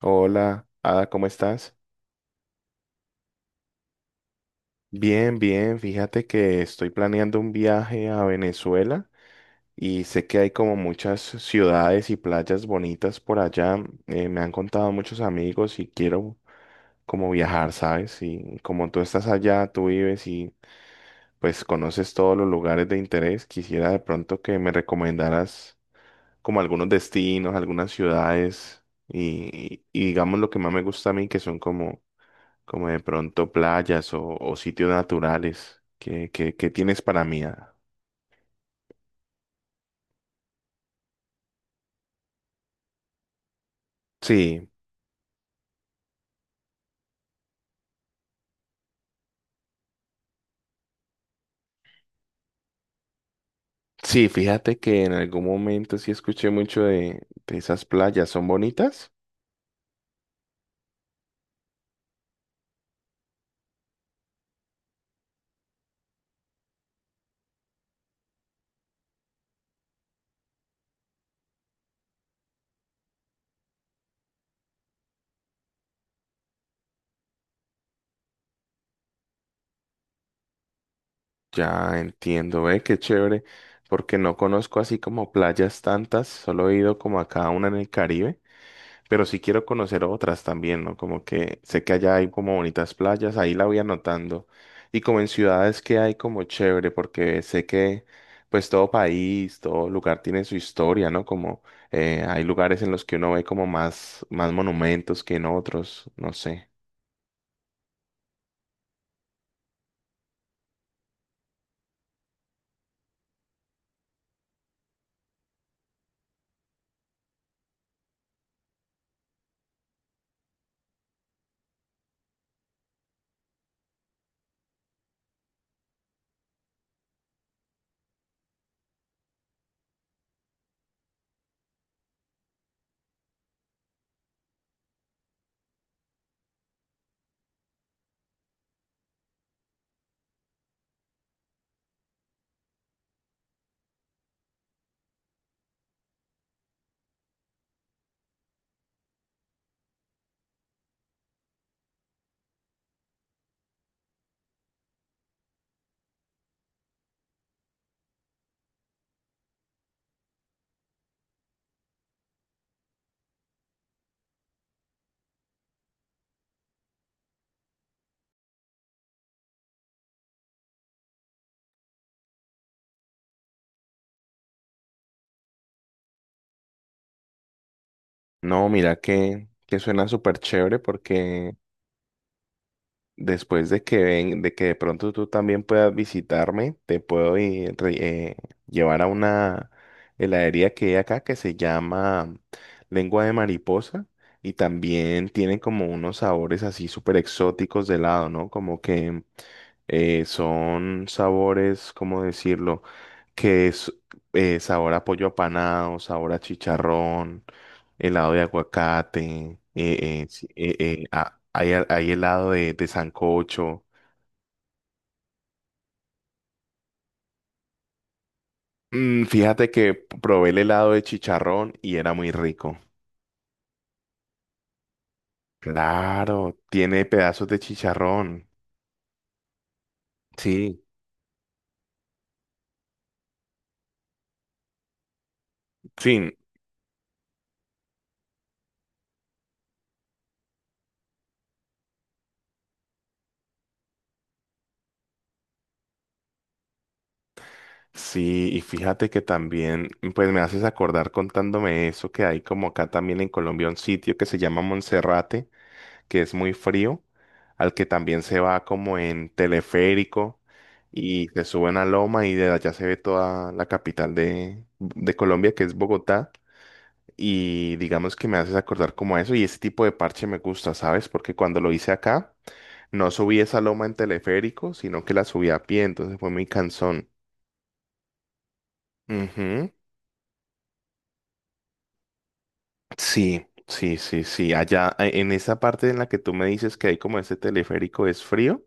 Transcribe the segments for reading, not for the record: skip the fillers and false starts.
Hola, Ada, ¿cómo estás? Bien, bien. Fíjate que estoy planeando un viaje a Venezuela y sé que hay como muchas ciudades y playas bonitas por allá. Me han contado muchos amigos y quiero como viajar, ¿sabes? Y como tú estás allá, tú vives y pues conoces todos los lugares de interés, quisiera de pronto que me recomendaras como algunos destinos, algunas ciudades y digamos lo que más me gusta a mí que son como, como de pronto playas o sitios naturales que tienes para mí. ¿ah? Sí, sí, fíjate que en algún momento sí escuché mucho de esas playas, ¿son bonitas? Ya entiendo, ve, qué chévere, porque no conozco así como playas tantas, solo he ido como a cada una en el Caribe. Pero sí quiero conocer otras también, ¿no? Como que sé que allá hay como bonitas playas, ahí la voy anotando. Y como en ciudades que hay como chévere, porque sé que pues todo país, todo lugar tiene su historia, ¿no? Como hay lugares en los que uno ve como más, más monumentos que en otros, no sé. No, mira que suena súper chévere porque después de que ven, de que de pronto tú también puedas visitarme, te puedo eh, llevar a una heladería que hay acá que se llama Lengua de Mariposa y también tienen como unos sabores así súper exóticos de helado, ¿no? Como que son sabores, ¿cómo decirlo? Que es sabor a pollo apanado, sabor a chicharrón, helado de aguacate, hay helado de sancocho. Mm, fíjate que probé el helado de chicharrón y era muy rico. Claro, tiene pedazos de chicharrón. Sí, sí, sí, y fíjate que también, pues me haces acordar contándome eso, que hay como acá también en Colombia un sitio que se llama Monserrate, que es muy frío, al que también se va como en teleférico y se sube a una loma y de allá se ve toda la capital de Colombia, que es Bogotá. Y digamos que me haces acordar como a eso y ese tipo de parche me gusta, ¿sabes? Porque cuando lo hice acá, no subí esa loma en teleférico, sino que la subí a pie, entonces fue muy cansón. Ujú. Sí, sí, sí, sí. Allá en esa parte en la que tú me dices que hay como ese teleférico es frío.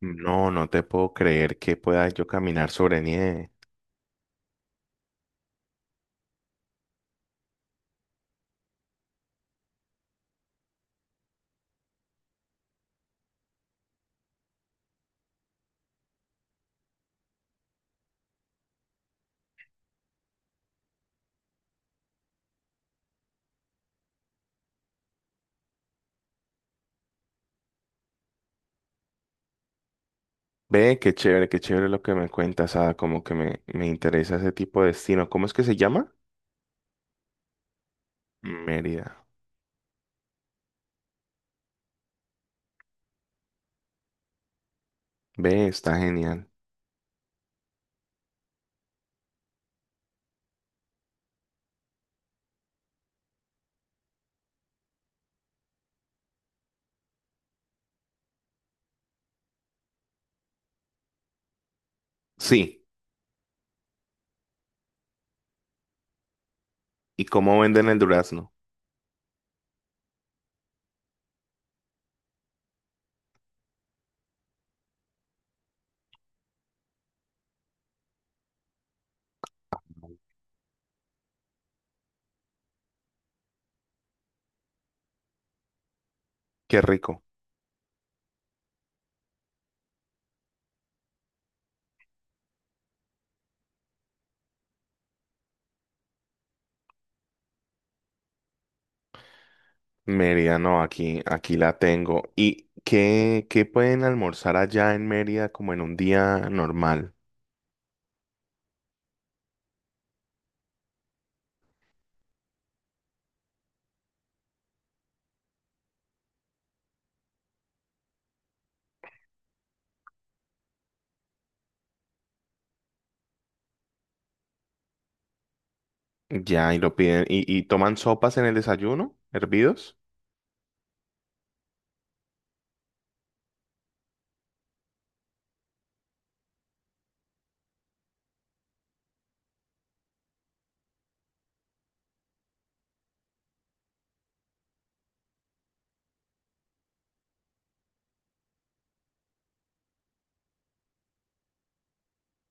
No, no te puedo creer que pueda yo caminar sobre nieve. Ve, qué chévere lo que me cuentas, ah, como que me interesa ese tipo de destino. ¿Cómo es que se llama? Mérida. Ve, está genial. Sí, ¿y cómo venden el durazno? Qué rico. Mérida, no, aquí, aquí la tengo. ¿Y qué, qué pueden almorzar allá en Mérida como en un día normal? Ya, y lo piden, y toman sopas en el desayuno, hervidos.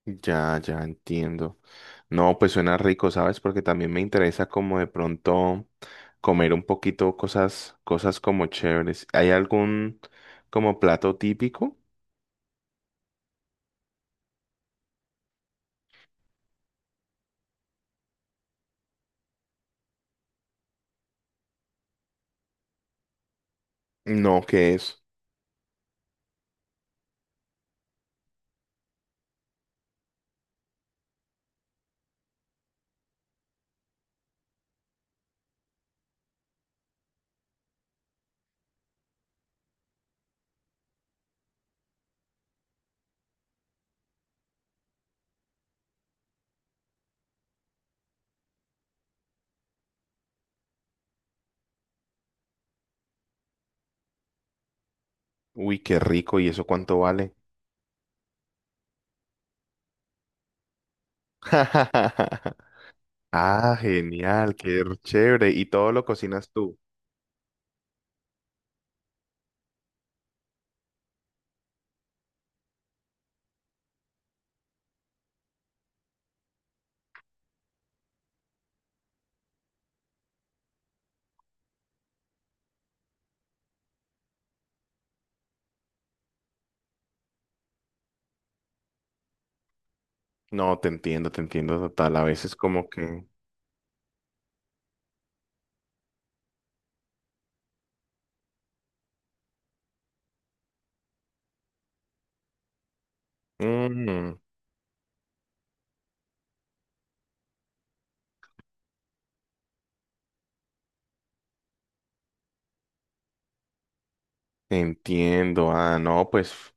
Ya, ya entiendo. No, pues suena rico, ¿sabes? Porque también me interesa como de pronto comer un poquito cosas, cosas como chéveres. ¿Hay algún como plato típico? No, ¿qué es? Uy, qué rico, ¿y eso cuánto vale? Ah, genial, qué chévere. ¿Y todo lo cocinas tú? No, te entiendo total. A veces como que... Mm. Entiendo, ah, no, pues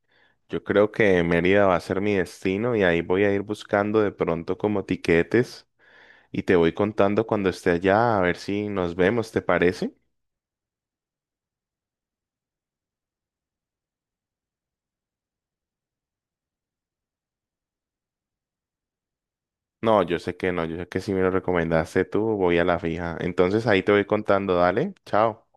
yo creo que Mérida va a ser mi destino y ahí voy a ir buscando de pronto como tiquetes y te voy contando cuando esté allá a ver si nos vemos, ¿te parece? No, yo sé que no, yo sé que si me lo recomendaste tú, voy a la fija. Entonces ahí te voy contando, dale, chao.